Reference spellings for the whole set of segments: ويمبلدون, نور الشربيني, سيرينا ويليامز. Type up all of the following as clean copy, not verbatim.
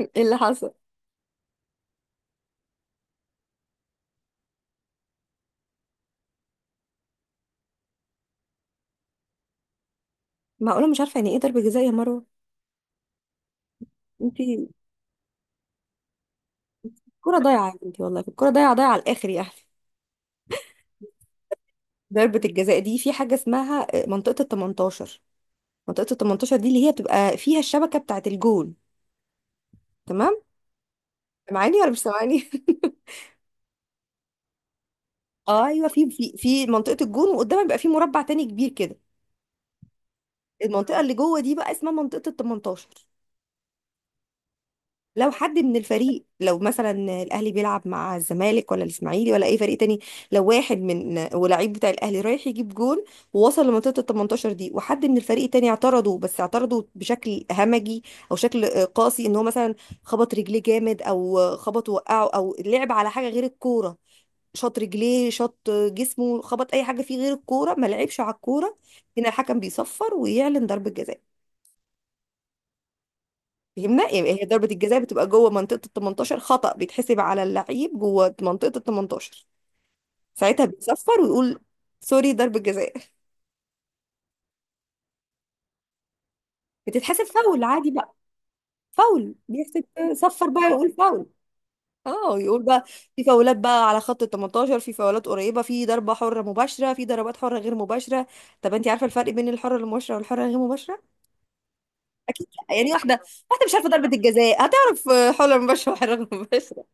ايه اللي حصل؟ معقوله مش عارفه يعني ايه ضربه جزاء يا مروه؟ انت الكره ضايعه يا بنتي، والله الكره ضايعه ضايعه على الاخر يا اخي. ضربه الجزاء دي في حاجه اسمها منطقه ال 18. منطقه ال 18 دي اللي هي بتبقى فيها الشبكه بتاعه الجون، تمام؟ سامعاني ولا مش سامعاني؟ اه، ايوه. في منطقه الجون وقدامها بيبقى في مربع تاني كبير كده. المنطقه اللي جوه دي بقى اسمها منطقه ال 18. لو حد من الفريق، لو مثلا الاهلي بيلعب مع الزمالك ولا الاسماعيلي ولا اي فريق تاني، لو واحد من ولاعيب بتاع الاهلي رايح يجيب جون ووصل لمنطقه ال 18 دي وحد من الفريق التاني اعترضه، بس اعترضه بشكل همجي او شكل قاسي، ان هو مثلا خبط رجليه جامد او خبط وقعه او لعب على حاجه غير الكوره، شاط رجليه شاط جسمه خبط اي حاجه فيه غير الكوره ما لعبش على الكوره، هنا الحكم بيصفر ويعلن ضربه جزاء. فهمنا يعني؟ هي ضربة الجزاء بتبقى جوه منطقة ال 18، خطأ بيتحسب على اللعيب جوه منطقة ال 18، ساعتها بيصفر ويقول سوري، ضربة جزاء. بتتحسب فاول عادي بقى، فاول بيحسب. صفر بقى، يقول فاول. اه يقول بقى في فاولات بقى على خط ال 18، في فاولات قريبة، في ضربة حرة مباشرة، في ضربات حرة غير مباشرة. طب انت عارفة الفرق بين الحرة المباشرة والحرة الغير مباشرة؟ اكيد لأ. يعني واحدة واحدة مش عارفة ضربة الجزاء هتعرف حرة مباشرة وحرة غير مباشرة؟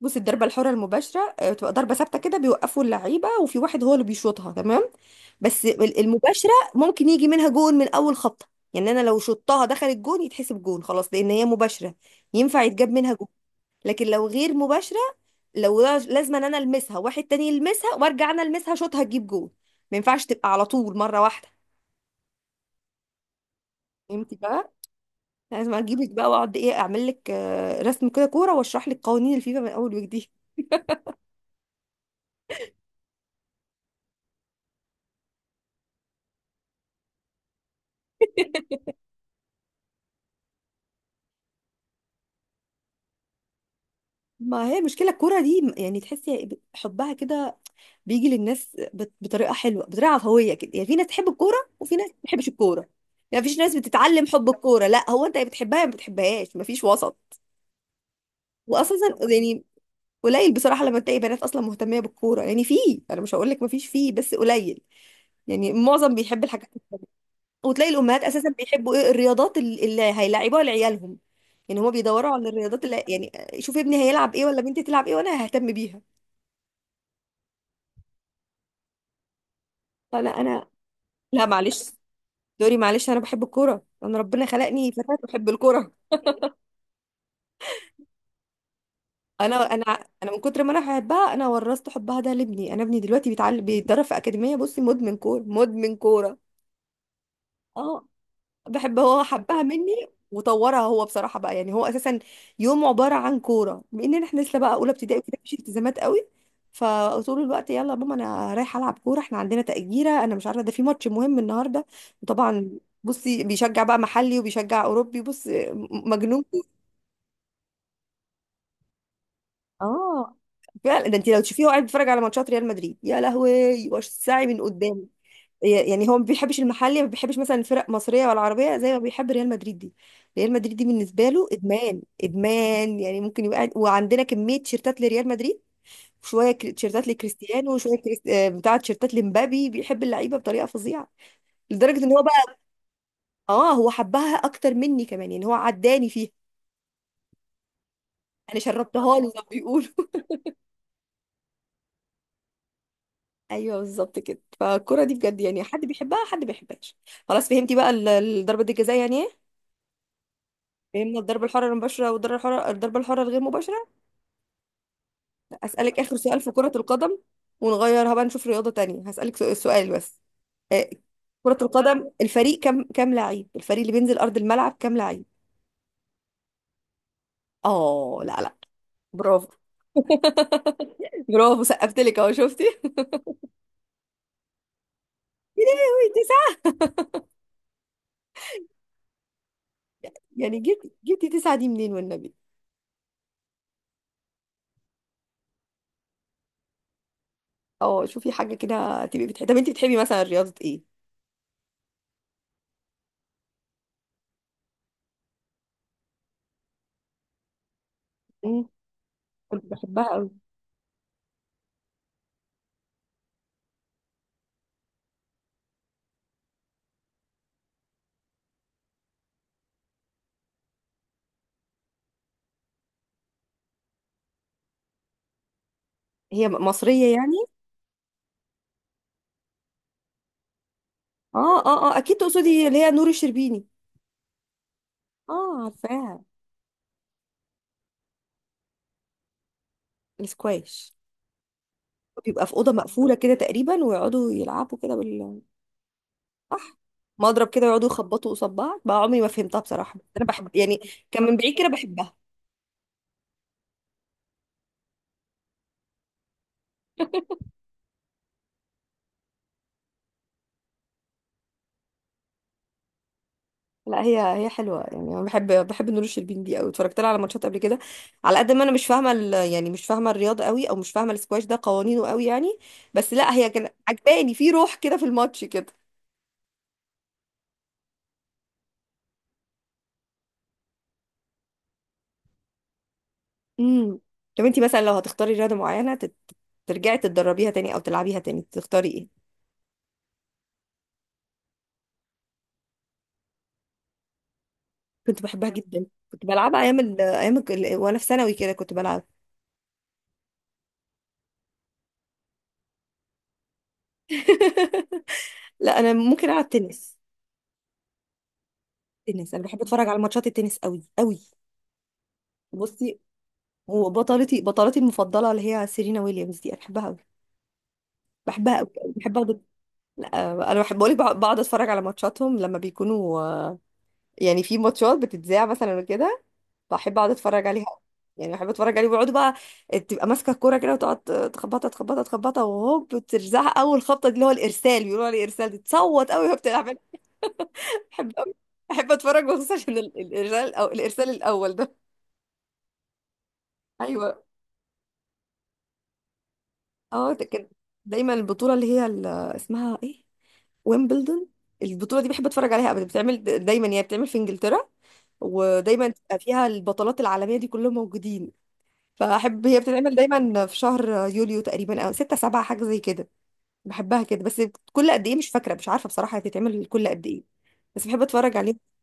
بص، الضربة الحرة المباشرة بتبقى ضربة ثابتة كده، بيوقفوا اللعيبة وفي واحد هو اللي بيشوطها، تمام. بس المباشرة ممكن يجي منها جون من أول خبطة، يعني أنا لو شطها دخلت جون يتحسب جون خلاص لأن هي مباشرة، ينفع يتجاب منها جون. لكن لو غير مباشرة، لازم أنا ألمسها، واحد تاني يلمسها، وأرجع أنا ألمسها شوطها تجيب جون، ما ينفعش تبقى على طول مرة واحدة. فهمتي بقى؟ لازم أجيبك بقى وأقعد إيه أعمل لك رسم كده كورة وأشرح لك قوانين الفيفا من أول وجديد. ما هي المشكلة الكورة دي يعني، تحسي حبها كده بيجي للناس بطريقة حلوة، بطريقة عفوية كده، يعني في ناس تحب الكورة وفي ناس ما بتحبش الكورة، يعني مفيش ناس بتتعلم حب الكورة، لا، هو انت يا بتحبها يا ما بتحبهاش، مفيش وسط. وأساسا يعني قليل بصراحة لما تلاقي بنات أصلا مهتمية بالكورة، يعني في، أنا مش هقول لك مفيش، فيه بس قليل، يعني معظم بيحب الحاجات التانية. وتلاقي الأمهات أساسا بيحبوا إيه الرياضات اللي هيلعبوها لعيالهم، يعني هما بيدوروا على الرياضات اللي يعني شوف ابني هيلعب إيه ولا بنتي تلعب إيه وأنا ههتم بيها. لا، لا انا لا معلش، دوري، معلش، انا بحب الكوره، انا ربنا خلقني فتاة بحب الكوره. انا انا انا من كتر ما انا بحبها انا ورثت حبها ده لابني، انا ابني دلوقتي بيتعلم بيتدرب في اكاديميه، بصي مدمن كوره مدمن كوره. اه بحب هو، حبها مني وطورها هو بصراحه بقى، يعني هو اساسا يوم عباره عن كوره، بان احنا لسه بقى اولى ابتدائي كده مفيش التزامات قوي، فطول الوقت يلا يا ماما انا رايحه العب كوره، احنا عندنا تأجيرة، انا مش عارفه، ده في ماتش مهم النهارده. وطبعا بصي بيشجع بقى محلي وبيشجع اوروبي، بص، مجنون كورة. اه فعلا ده انت لو تشوفيه هو قاعد بيتفرج على ماتشات ريال مدريد، يا لهوي، وش ساعي من قدام. يعني هو ما بيحبش المحلي، ما بيحبش مثلا فرق مصريه ولا عربيه زي ما بيحب ريال مدريد دي. ريال مدريد دي بالنسبه له ادمان ادمان، يعني ممكن يبقى وعندنا كميه تيشيرتات لريال مدريد، تيشيرتات لكريستيانو، وشويه كريست... آه، بتاع تيشيرتات لمبابي، بيحب اللعيبه بطريقه فظيعه لدرجه ان هو بقى، اه هو حبها اكتر مني كمان، يعني هو عداني فيها. انا شربتها له زي ما بيقولوا. ايوه، بالظبط كده، فالكره دي بجد يعني حد بيحبها حد ما بيحبهاش. خلاص فهمتي بقى الضربه دي الجزاء يعني ايه، فهمنا الضربه الحره المباشره والضربه الحره الضربه الحره الغير مباشره. أسألك آخر سؤال في كرة القدم ونغيرها بقى نشوف رياضة تانية، هسألك سؤال بس. آه، كرة القدم الفريق كام لعيب، الفريق اللي بينزل أرض الملعب كام لعيب؟ اه لا، لا، برافو. برافو، سقفت لك اهو، شفتي؟ يا لهوي، تسعة؟ يعني جبتي تسعة دي منين والنبي؟ اه شوفي حاجة كده تبقي بتحبي، طب انت بتحبي مثلا رياضة ايه؟ مم، كنت بحبها قوي. هي م- مصرية يعني؟ اه اه اه، اكيد تقصدي اللي هي نور الشربيني. اه، عارفاها. السكواش بيبقى في اوضه مقفوله كده تقريبا ويقعدوا يلعبوا كده صح، مضرب كده، يقعدوا يخبطوا قصاد بعض بقى، عمري ما فهمتها بصراحه، بس انا بحب يعني، كان من بعيد كده بحبها. لا هي هي حلوه، يعني انا بحب نور الشربين دي قوي، اتفرجت لها على ماتشات قبل كده. على قد ما انا مش فاهمه يعني مش فاهمه الرياضه قوي، او مش فاهمه السكواش ده قوانينه قوي يعني، بس لا هي كان عجباني في روح كده في الماتش كده. امم، طب انتي مثلا لو هتختاري رياضه معينه ترجعي تتدربيها تاني او تلعبيها تاني تختاري ايه؟ كنت بحبها جدا، كنت بلعبها وانا في ثانوي كده كنت بلعب. لا، انا ممكن العب تنس. تنس انا بحب اتفرج على ماتشات التنس قوي قوي. بصي، هو بطلتي المفضله اللي هي سيرينا ويليامز دي انا بحبها قوي، بحبها قوي قوي. بحب اقعد، لا انا بحب بقولك بقعد اتفرج على ماتشاتهم لما بيكونوا، يعني في ماتشات بتتذاع مثلا وكده، بحب اقعد اتفرج عليها أوي. يعني بحب اتفرج عليه بيقعدوا بقى، تبقى ماسكه الكوره كده وتقعد تخبطها تخبطها تخبطها وهوب ترزعها، اول خبطه دي اللي هو الارسال، بيقولوا عليه ارسال، دي تصوت قوي وهي بتلعب، أنا بحب قوي، بحب اتفرج بخصوص عشان الارسال او الارسال الاول ده. ايوه، اه ده كان دايما البطوله اللي هي اسمها ايه، ويمبلدون. البطوله دي بحب اتفرج عليها ابدا، بتعمل دايما يعني، بتعمل في انجلترا ودايما تبقى فيها البطولات العالميه دي كلهم موجودين، فاحب، هي بتتعمل دايما في شهر يوليو تقريبا، او ستة سبعة حاجة زي كده. بحبها كده بس، كل قد ايه مش فاكرة، مش عارفة بصراحة هي بتتعمل كل قد ايه، بس بحب اتفرج عليه.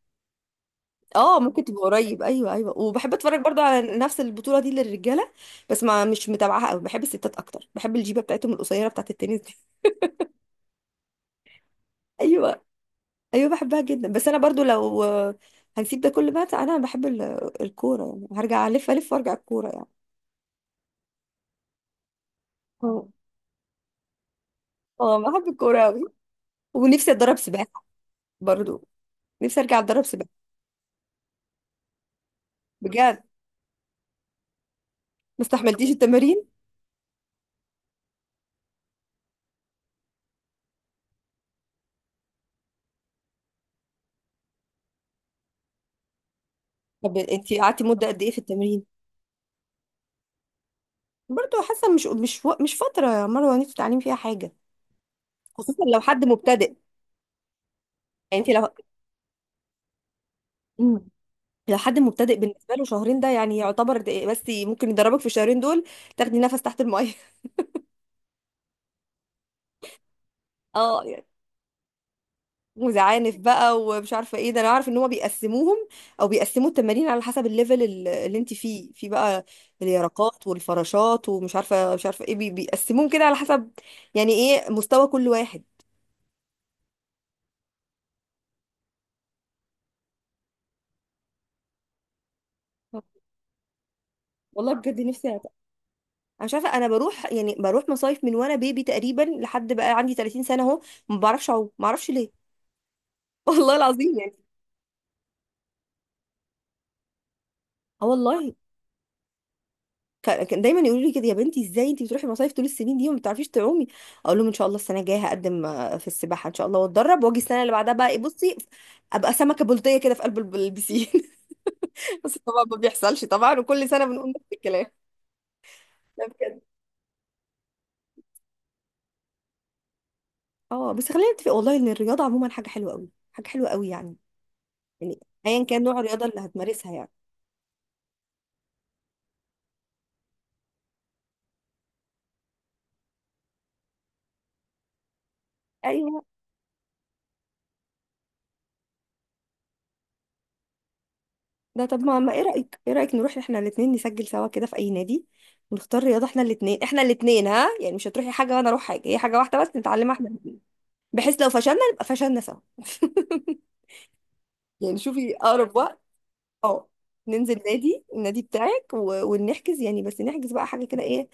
اه ممكن تبقى قريب، ايوه ايوه، وبحب اتفرج برضو على نفس البطولة دي للرجالة، بس ما مش متابعاها قوي، بحب الستات اكتر، بحب الجيبة بتاعتهم القصيرة بتاعت التنس دي. ايوه، ايوه بحبها جدا. بس انا برضو لو، هنسيب ده كله بقى، انا بحب الكورة، يعني هرجع الف الف وارجع الكورة يعني. اه، بحب الكورة قوي، ونفسي اتدرب سباحة برضو، نفسي ارجع اتدرب سباحه. بجد؟ ما استحملتيش التمارين؟ طب انت قعدتي مده قد ايه في التمرين؟ برضه حاسه مش فتره يا مروه نفسي تتعلمي فيها حاجه، خصوصا لو حد مبتدئ يعني، انت لو مم. لو حد مبتدئ بالنسبه له شهرين ده يعني يعتبر ده- بس ممكن يدربك في الشهرين دول تاخدي نفس تحت الميه. اه، وزعانف بقى ومش عارفه ايه، ده انا عارف ان هما بيقسموهم او بيقسموا التمارين على حسب الليفل اللي انت فيه في بقى، اليرقات والفراشات ومش عارفه مش عارفه ايه، بيقسموهم كده على حسب يعني ايه مستوى كل واحد. والله بجد نفسي انا مش عارفه، انا بروح يعني بروح مصايف من وانا بيبي تقريبا لحد بقى عندي 30 سنه اهو، ما بعرفش اعوم، ما اعرفش ليه. والله العظيم يعني. اه والله، كان كان دايما يقولوا لي كده يا بنتي ازاي انت بتروحي مصايف طول السنين دي وما بتعرفيش تعومي، اقول لهم ان شاء الله السنه الجايه هقدم في السباحه ان شاء الله واتدرب، واجي السنه اللي بعدها بقى ايه بصي، ابقى سمكه بلطيه كده في قلب البسين. بس طبعا ما بيحصلش طبعا، وكل سنه بنقول نفس الكلام. لا بجد، اه بس خلينا نتفق والله ان الرياضه عموما حاجه حلوه قوي، حاجه حلوه قوي يعني، يعني ايا كان نوع الرياضه اللي هتمارسها يعني. ايوه، ده طب ما ما ايه رأيك، نروح احنا الاثنين نسجل سوا كده في اي نادي، ونختار رياضة احنا الاثنين احنا الاثنين، ها؟ يعني مش هتروحي حاجة وانا اروح حاجة، هي حاجة واحدة بس نتعلمها احنا الاتنين. بحيث لو فشلنا نبقى فشلنا سوا. يعني شوفي اقرب وقت، اه ننزل نادي النادي بتاعك ونحجز يعني، بس نحجز بقى حاجة كده ايه،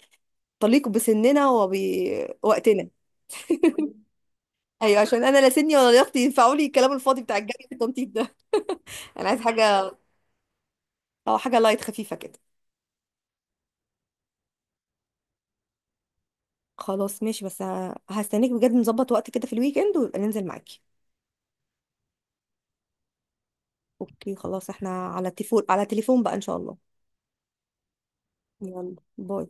تليق بسننا وبوقتنا. ايوه عشان انا لا سني ولا لياقتي ينفعوا لي الكلام الفاضي بتاع الجري في التنطيط ده، انا عايز حاجة، اه حاجة لايت خفيفة كده. خلاص ماشي، بس هستناك بجد، نظبط وقت كده في الويك اند وننزل معاكي. اوكي، خلاص احنا على تليفون على تليفون بقى ان شاء الله. يلا باي.